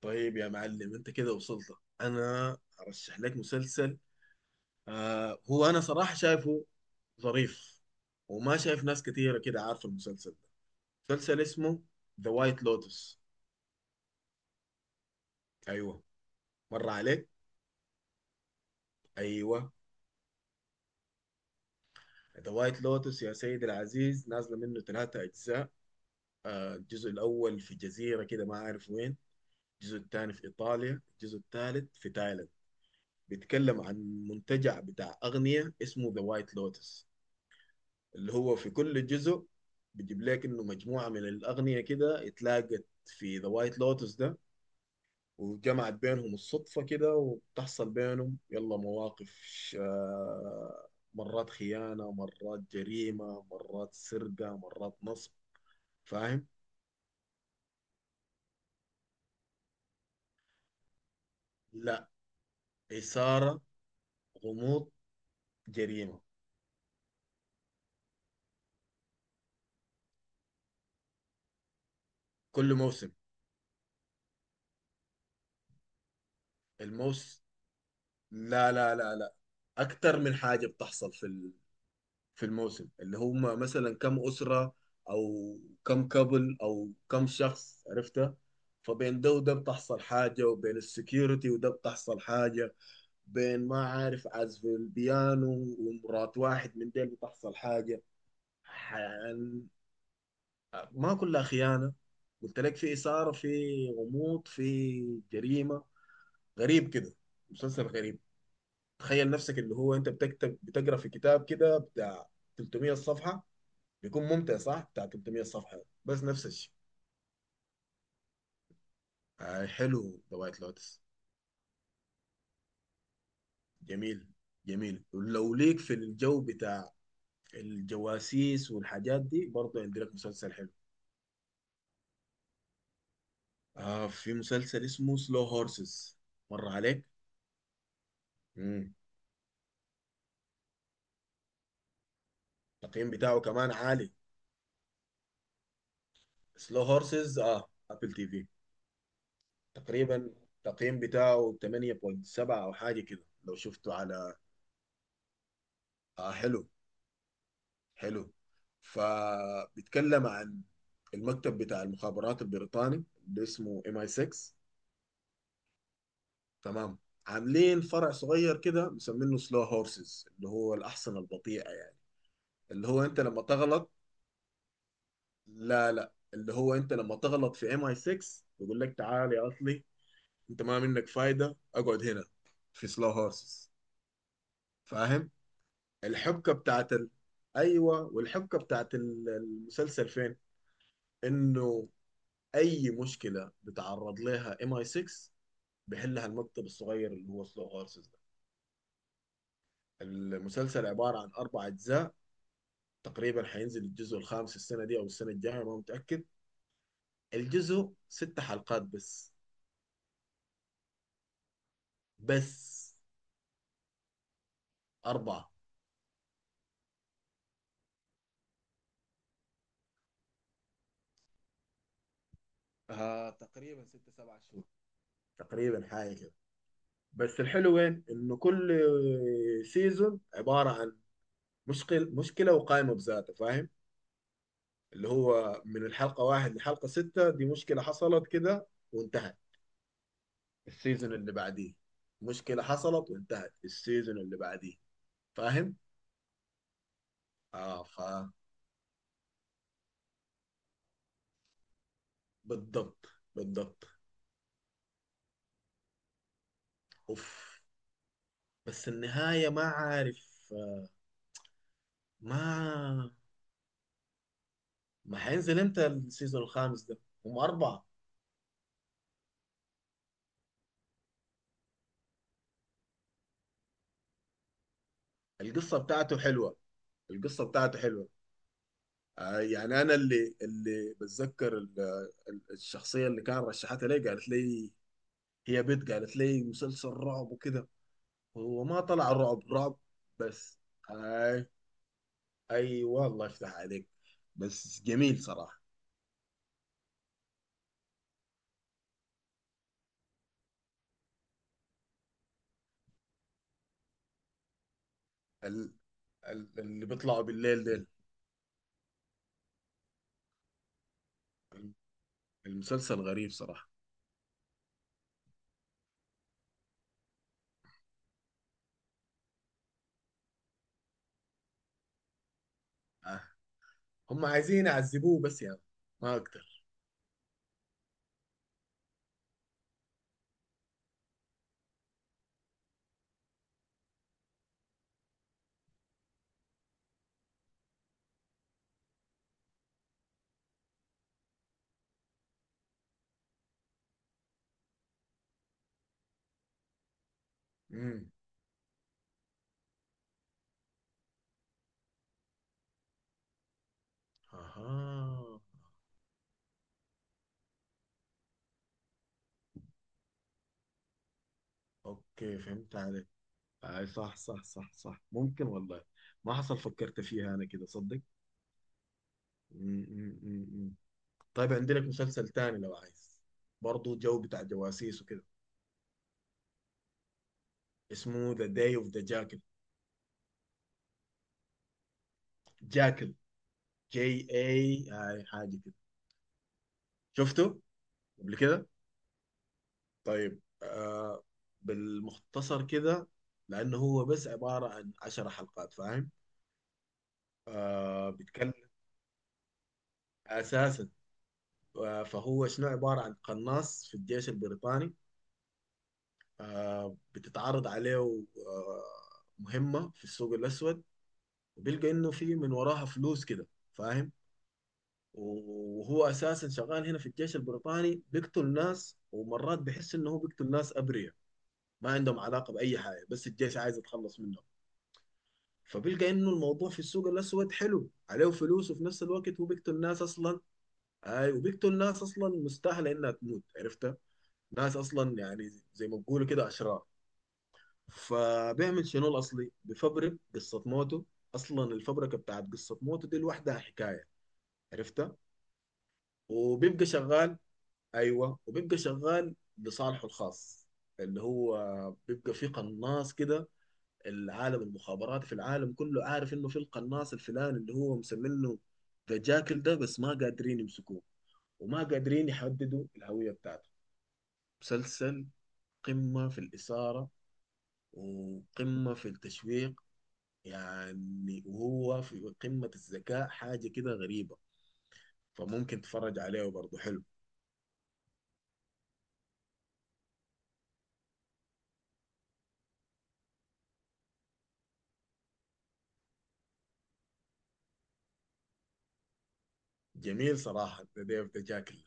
طيب يا معلم، انت كده وصلت. انا ارشح لك مسلسل. آه هو انا صراحة شايفه ظريف، وما شايف ناس كتيرة كده عارفة المسلسل. ده مسلسل اسمه ذا وايت لوتس. ايوه، مر عليك. ايوه، ذا وايت لوتس يا سيدي العزيز، نازلة منه 3 اجزاء. الجزء الاول في جزيرة كده ما اعرف وين. الجزء الثاني في ايطاليا، الجزء الثالث في تايلاند. بيتكلم عن منتجع بتاع اغنية اسمه ذا وايت لوتس، اللي هو في كل جزء بيجيب لك انه مجموعه من الاغنيه كده اتلاقت في ذا وايت لوتس ده، وجمعت بينهم الصدفه كده، وبتحصل بينهم يلا مواقف. آه، مرات خيانه، مرات جريمه، مرات سرقه، مرات نصب. فاهم. لا، اثاره، غموض، جريمه. كل موسم. الموسم، لا لا لا لا، اكتر من حاجه بتحصل في الموسم، اللي هم مثلا كم أسرة، أو كم كابل أو كم شخص، عرفتها. فبين ده وده بتحصل حاجة، وبين السكيورتي وده بتحصل حاجة، بين ما عارف عزف البيانو، ومرات واحد من ديل بتحصل حاجة. حن... ما كلها خيانة، قلت لك في إثارة، في غموض، في جريمة. غريب كده، مسلسل غريب. تخيل نفسك اللي هو انت بتكتب بتقرا في كتاب كده بتاع 300 صفحة، بيكون ممتع صح؟ بتاع 300 صفحة بس نفس الشيء. آه، حلو ذا وايت لوتس. جميل. جميل، ولو ليك في الجو بتاع الجواسيس والحاجات دي، برضه عندي لك مسلسل حلو. آه، في مسلسل اسمه سلو هورسز. مر عليك؟ مم. التقييم بتاعه كمان عالي. سلو هورسز، اه ابل تي في. تقريبا التقييم بتاعه 8.7 او حاجة كده لو شفته على. آه حلو، حلو. فبيتكلم عن المكتب بتاع المخابرات البريطاني اللي اسمه ام اي 6. تمام. عاملين فرع صغير كده مسمينه سلو هورسز، اللي هو الاحصنه البطيئه يعني. اللي هو انت لما تغلط، لا لا، اللي هو انت لما تغلط في ام اي 6، يقول لك تعال يا اصلي، انت ما منك فايده، اقعد هنا في سلو هورسز. فاهم. الحبكه بتاعت ال... ايوه، والحبكه بتاعت المسلسل فين، انه اي مشكله بتعرض لها ام اي 6، بيحلها المكتب الصغير اللي هو سلو هورسز ده. المسلسل عباره عن 4 اجزاء. تقريبا حينزل الجزء الخامس السنه دي او السنه الجايه، ما متاكد. الجزء 6 حلقات بس. بس 4. آه، تقريبا ست سبع شهور، تقريبا حاجه كده. بس الحلو وين، انه كل سيزون عباره عن مشكله وقائمه بذاتها، فاهم. اللي هو من الحلقه 1 لحلقه 6 دي مشكله حصلت كده، وانتهت. السيزون اللي بعديه مشكلة حصلت وانتهت. السيزون اللي بعديه. فاهم؟ اه ف، بالضبط، بالضبط. اوف. بس النهاية ما عارف ما. ما هينزل امتى السيزون الخامس ده؟ هم 4. القصة بتاعته حلوة. القصة بتاعته حلوة. آه يعني أنا اللي بتذكر الشخصية اللي كان رشحتها لي، قالت لي هي بنت، قالت لي مسلسل رعب وكده. هو ما طلع رعب رعب. بس آه، ايوه الله يفتح عليك. بس جميل صراحه. ال... اللي بيطلعوا بالليل ديل. المسلسل غريب صراحه. آه. هم عايزين يعذبوه بس يعني، ما اقدر. امم. اها. اوكي، فهمت عليك. اي صح، صح، صح، صح، ممكن والله. ما حصل فكرت فيها انا كده صدق. مم، مم، مم، مم. طيب عندي لك مسلسل تاني لو عايز، برضه جو بتاع جواسيس وكده. اسمه ذا داي اوف ذا جاكل. جاكل، جي اي هاي حاجه كده. شفته قبل كده؟ طيب آه، بالمختصر كده، لأنه هو بس عبارة عن 10 حلقات، فاهم. آه بيتكلم أساسا. آه فهو شنو عبارة عن قناص في الجيش البريطاني. آه بتتعرض عليه آه مهمة في السوق الأسود. وبيلقى إنه في من وراها فلوس كده، فاهم. وهو أساسا شغال هنا في الجيش البريطاني بيقتل ناس، ومرات بيحس إنه هو بيقتل ناس أبرياء ما عندهم علاقة بأي حاجة، بس الجيش عايز يتخلص منهم. فبيلقى انه الموضوع في السوق الاسود حلو، عليه فلوس، وفي نفس الوقت هو بيقتل ناس اصلا. اي، وبيقتل ناس اصلا مستاهله انها تموت، عرفتها. ناس اصلا يعني زي ما بيقولوا كده اشرار. فبيعمل شنو الاصلي، بفبرك قصه موته. اصلا الفبركه بتاعت قصه موته دي لوحدها حكايه، عرفتها. وبيبقى شغال، ايوه، وبيبقى شغال لصالحه الخاص. اللي هو بيبقى في قناص كده، العالم المخابراتي في العالم كله عارف انه في القناص الفلاني اللي هو مسمينه ذا جاكل ده، بس ما قادرين يمسكوه، وما قادرين يحددوا الهوية بتاعته. مسلسل قمة في الإثارة وقمة في التشويق، يعني وهو في قمة الذكاء، حاجة كده غريبة. فممكن تتفرج عليه برضه، حلو. جميل صراحة ذا ديف ذا جاكل.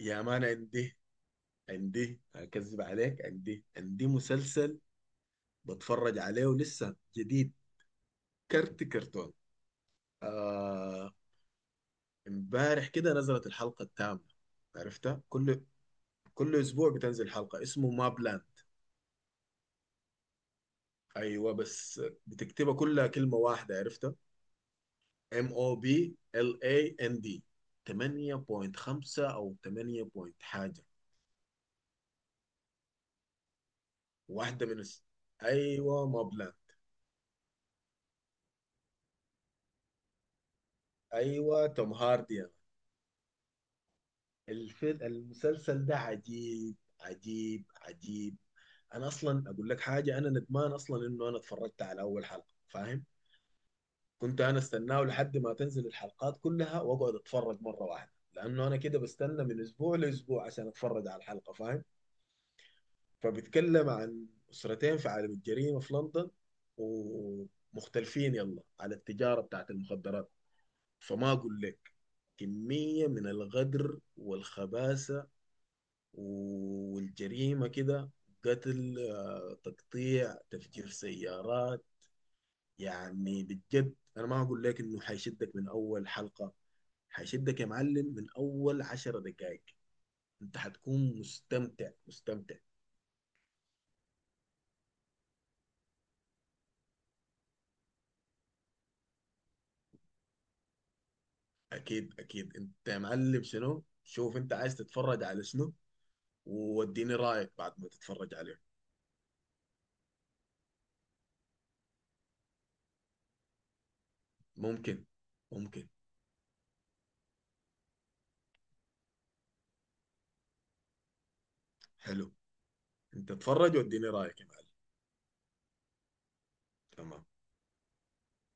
يا مان عندي أكذب عليك، عندي مسلسل بتفرج عليه لسه جديد، كرتون. آه، امبارح كده نزلت الحلقة التامة، عرفتها. كل اسبوع بتنزل حلقة، اسمه ما بلان. ايوه بس بتكتبها كلها كلمة واحدة، عرفتها. ام او بي ال اي ان دي 8.5 او 8 بوينت حاجة. واحدة من ايوه ما بلان. ايوة توم هاردي. الفيل المسلسل ده عجيب، عجيب، عجيب. انا اصلا اقول لك حاجة، انا ندمان اصلا انه انا اتفرجت على اول حلقة، فاهم. كنت انا استناه لحد ما تنزل الحلقات كلها واقعد اتفرج مره واحده، لانه انا كده بستنى من اسبوع لاسبوع عشان اتفرج على الحلقه، فاهم. فبيتكلم عن اسرتين في عالم الجريمه في لندن، ومختلفين يلا على التجاره بتاعت المخدرات. فما اقول لك، كميه من الغدر والخباثه والجريمه كده، قتل، تقطيع، تفجير سيارات. يعني بجد انا ما اقول لك انه حيشدك من اول حلقه، هيشدك يا معلم من اول 10 دقائق. انت هتكون مستمتع، مستمتع. اكيد، اكيد. انت يا معلم شنو، شوف انت عايز تتفرج على شنو، ووديني رايك بعد ما تتفرج عليه. ممكن. ممكن، حلو. انت اتفرج واديني رايك يا معلم. تمام.